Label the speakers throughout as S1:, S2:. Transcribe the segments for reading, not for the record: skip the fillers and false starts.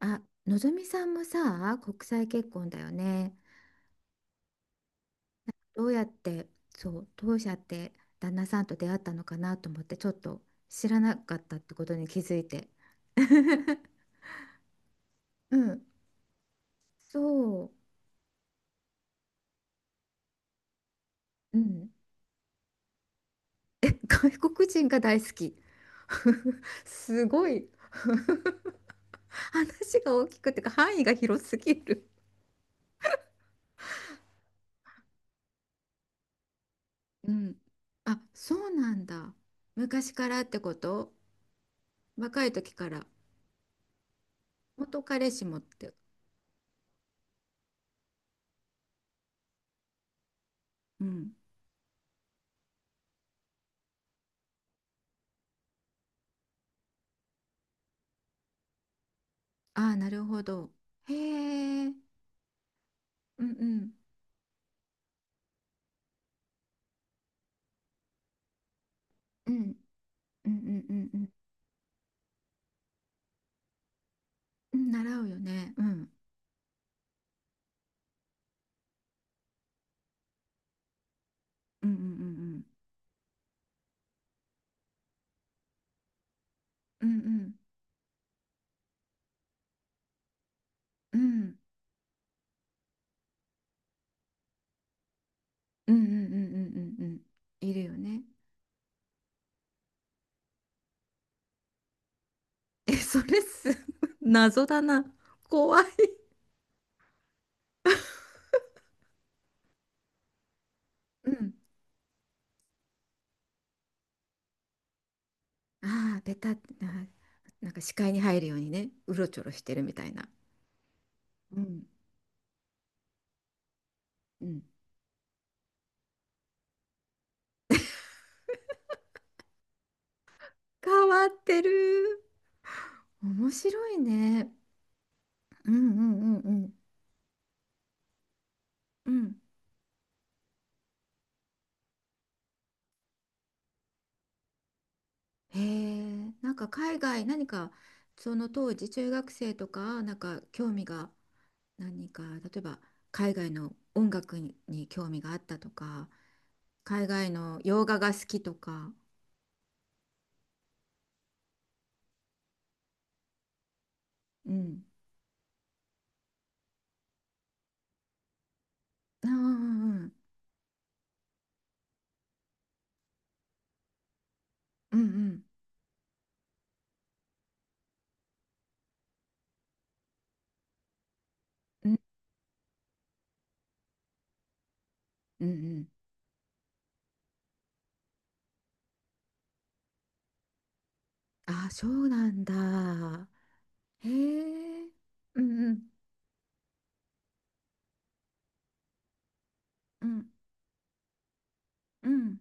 S1: あ、のぞみさんもさ、国際結婚だよね。どうやって、そう、当社って旦那さんと出会ったのかなと思って、ちょっと知らなかったってことに気づいて。うん、そう、うん。え、外国人が大好き。すごい。話が大きくてか範囲が広すぎる。うん。あ、そうなんだ。昔からってこと。若い時から。元彼氏もって。うん。ああ、なるほど。へえ、うん。うん。うん。うんうんうんうん。うん、習うよね。うん。うんうん。うんうんうん。うんうんうんうんうん。うん。うんうん。いるよね。え、それす 謎だな。怖い。うん。ああ、ベタってな、なんか視界に入るようにね、うろちょろしてるみたいな。うんうん。変わってる。面白いね。うんうんうんうん。うん。へえ、なんか海外何か、その当時中学生とかなんか興味が、何か例えば海外の音楽に興味があったとか、海外の洋画が好きとか。うん。あー、うん。うん。うん。うんうんうん。うんあー、そうなんだ。へえ。うんうん。うん。うん。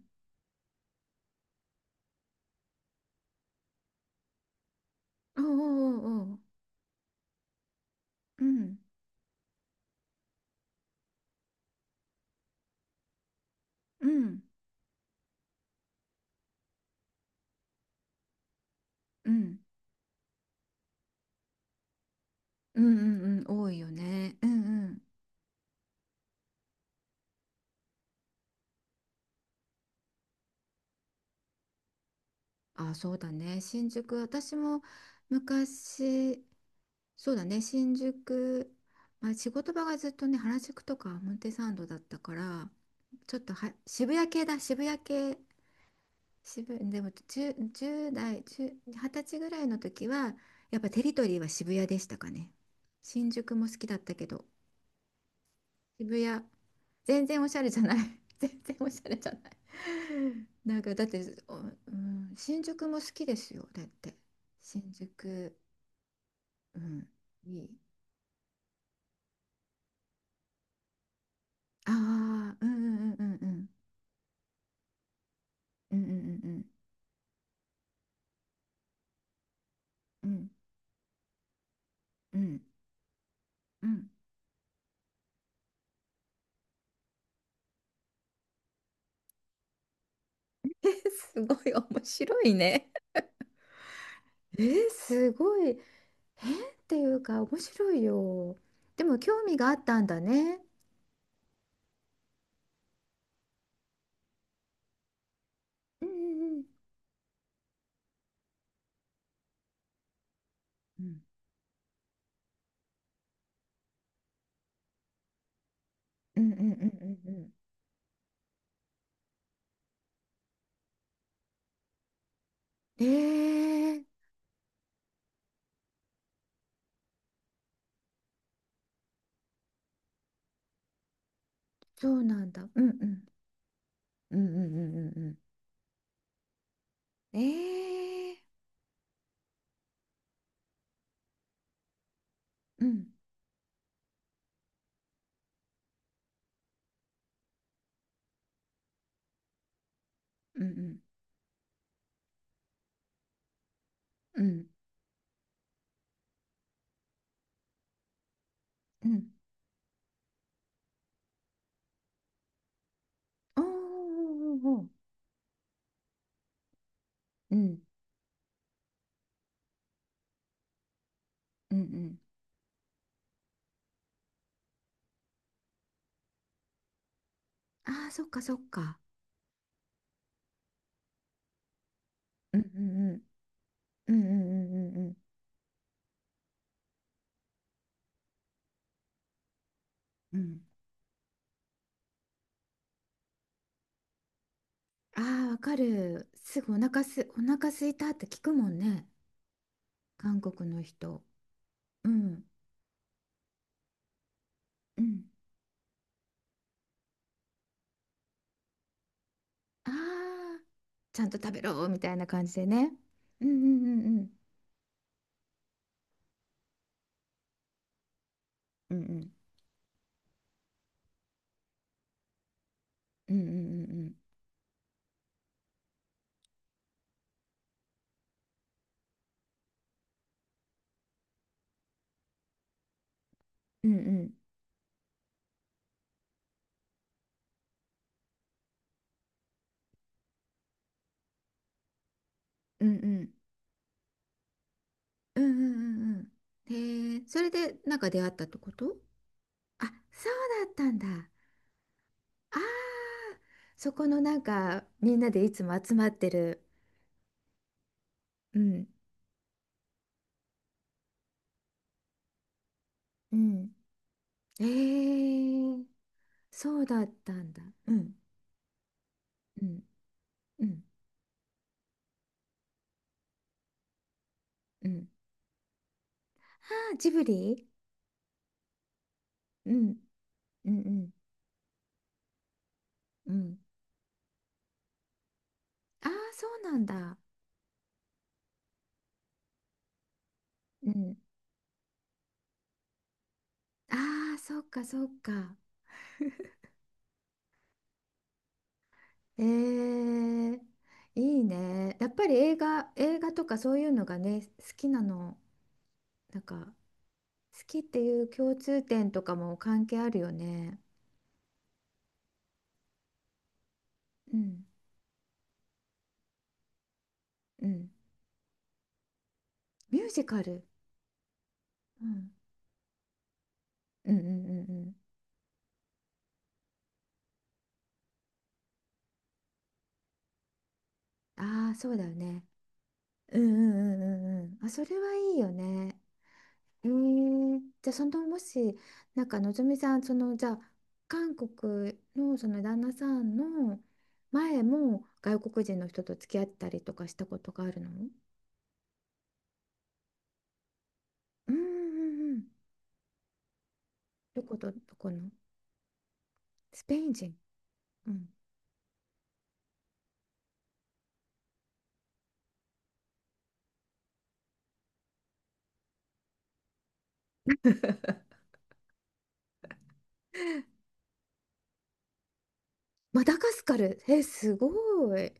S1: おうおうおうおう。うんうん。うん。うんうんうん、多いよね。うん。うん。あ、そうだね。新宿、私も昔、そうだね。新宿、まあ、仕事場がずっとね、原宿とか表参道だったから、ちょっとは渋谷系だ、渋谷系、でも10、じゅう代、10、20歳ぐらいの時は、やっぱテリトリーは渋谷でしたかね。新宿も好きだったけど、渋谷。全然おしゃれじゃない。全然おしゃれじゃない。なんかだって、おうん、新宿も好きですよ。だって。新宿。うん。いい。ああ、うんうんうんうんうん。うんうん。うんうんうんうんえ、すごい面白いね。すごい変っていうか面白いよ。でも興味があったんだね。うんうんうん。うんうんうんうんうんうんうん。え、すごい面白いね、えー。そうなんだ、うんうん。うんうんうんうん。うん、ええー。うん。うんうん。うん、うん、おーおーおーおー。うんうんうん。ああ、そっかそっか。うんうんうん。うんうんうんうん。うん。ああ、わかる、すぐおなかすおなか空いたって聞くもんね、韓国の人。うんうん。ああ、ちゃんと食べろみたいな感じでね。うんうんうんうんうんうん。うん。うんうんうん。うんうん。うんうん。うんうん。へえ、それでなんか出会ったってこと。あ、そうだったんだ。ああ、そこのなんかみんなでいつも集まってる。うん、うん。へえ、そうだったんだ。うん、うん、うん、うん。ああ、ジブリ。うん、うん、うん、うん。ああ、そうなんだ。うん。あ。あ、そっかそっか。えー、いいね。やっぱり映画、映画とかそういうのがね、好きなの、なんか好きっていう共通点とかも関係あるよね。うん、うん。ミュージカル。うん、うん、うん、うん。うん。ああ、そうだよね。うん、うん、うん、うん。うん。あ、それはいいよね。じゃあそのもしなんかのぞみさんそのじゃあ韓国のその旦那さんの前も外国人の人と付き合ったりとかしたことがあるの。うんうんうん。どことどこの。スペイン人、うん、マダガスカル、えすごい。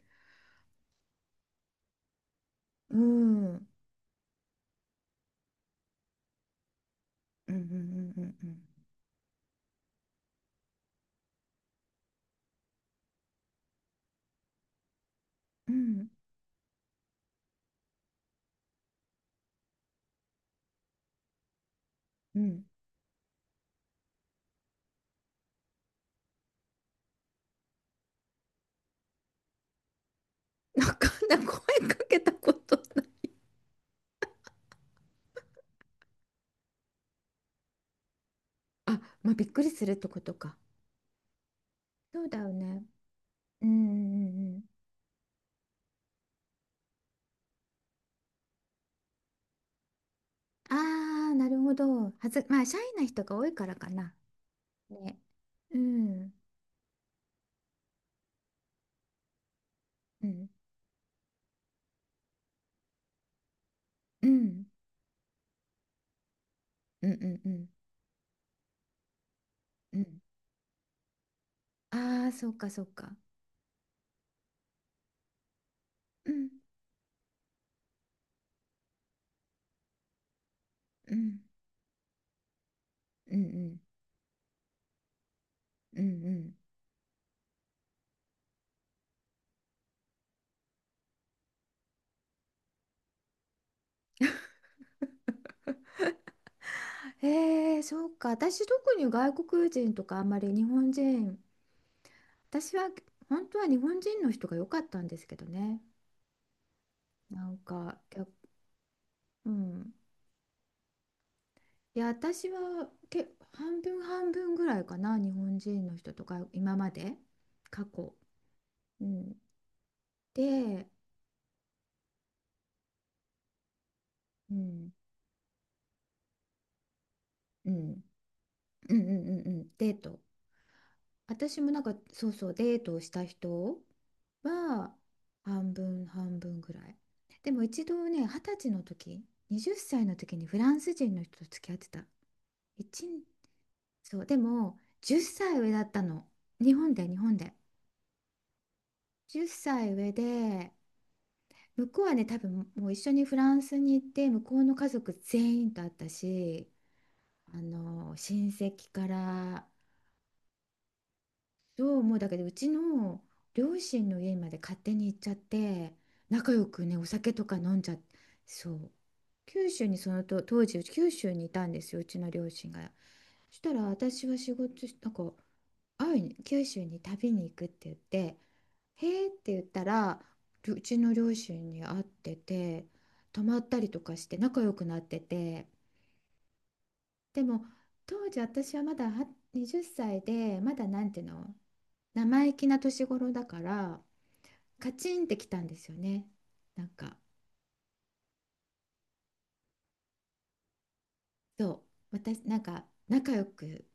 S1: うん。うんうんうん。うんうんうんうん。なかなか声かけたことない。あ、まあ、びっくりするってことか。そうだよね。うんうんうん。ああ、なるほど。はず、まあ、シャイな人が多いからかな。ね。うん、うん、うん、うん、うん、うん。うん。ああ、そうか、そうか。うん、うん、うん、うん、うん、うん。へえ、そうか。私、特に外国人とかあんまり日本人、私は本当は日本人の人が良かったんですけどね。なんか、逆。うん。いや、私は半分半分ぐらいかな、日本人の人とか、今まで、過去。うん。で、うん、うん、うんうんうんうん、デート。私もなんかそうそう、デートをした人は半分半分ぐらい。でも一度ね二十歳の時、20歳の時にフランス人の人と付き合ってた。一そう、でも10歳上だったの。日本で、日本で、10歳上で、向こうはね多分もう一緒にフランスに行って向こうの家族全員と会ったし、あの親戚から、そう思うだけどうちの両親の家まで勝手に行っちゃって、仲良くねお酒とか飲んじゃって、そう、九州にそのと当時九州にいたんですよ、うちの両親が。そしたら私は仕事しなんか会いに九州に旅に行くって言って「へえ」って言ったら、りょうちの両親に会ってて、泊まったりとかして仲良くなってて。でも当時私はまだは20歳で、まだなんていうの、生意気な年頃だから、カチンってきたんですよね。なんか、そう、私、なんか仲良く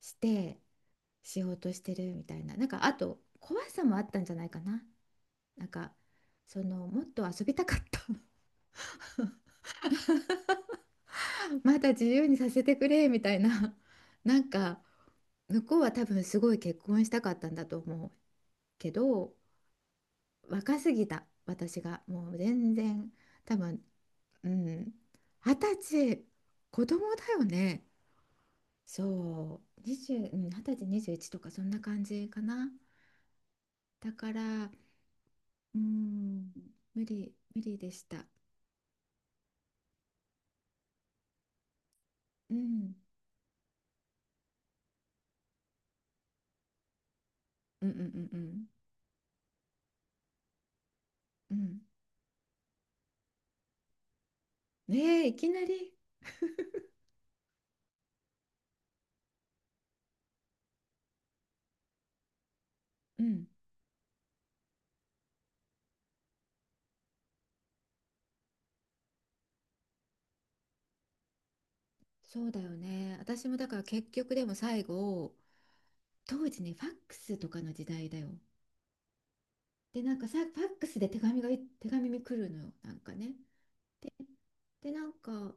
S1: してしようとしてるみたいな、なんかあと怖さもあったんじゃないかな。なんか、もっと遊びたかった。 まだ自由にさせてくれみたいな、なんか、向こうは多分すごい結婚したかったんだと思うけど、若すぎた私がもう全然。多分。うん。二十歳、子供だよね。そう、20、うん、20歳、2とかそんな感じかな。だから、うん、無理、無理でした。うん、うんうんうんうん。うん。ねえ、いきなり。うん、そうだよね。私もだから結局でも最後、当時ね、ファックスとかの時代だよ。で、なんかさ、ファックスで手紙に来るのよ、なんかね。で、で、なんか、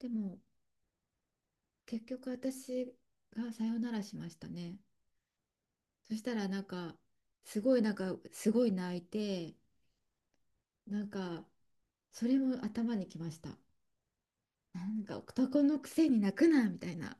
S1: でも結局私がさよならしましたね。そしたらなんかすごい、なんかすごい泣いて、なんか、それも頭にきました、なんか男のくせに泣くなみたいな、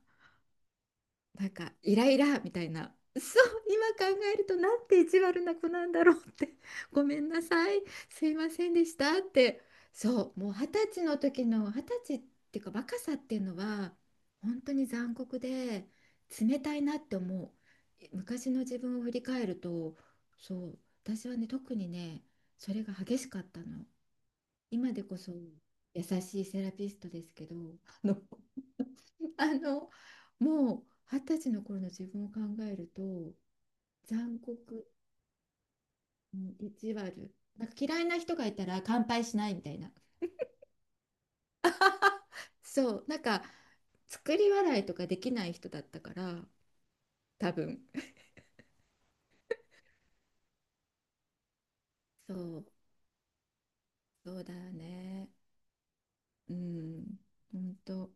S1: なんかイライラみたいな。そう、今考えるとなんて意地悪な子なんだろうって。ごめんなさい。すいませんでしたって。そう、もう二十歳の時の二十歳っていうか、若さっていうのは本当に残酷で冷たいなって思う。昔の自分を振り返ると、そう、私はね、特にね、それが激しかったの。今でこそ優しいセラピストですけど、あの、あの、もう二十歳の頃の自分を考えると、残酷、うん、意地悪、なんか嫌いな人がいたら乾杯しないみたいな、そう、なんか作り笑いとかできない人だったから、多分。そう、そうだよね。うん、本当。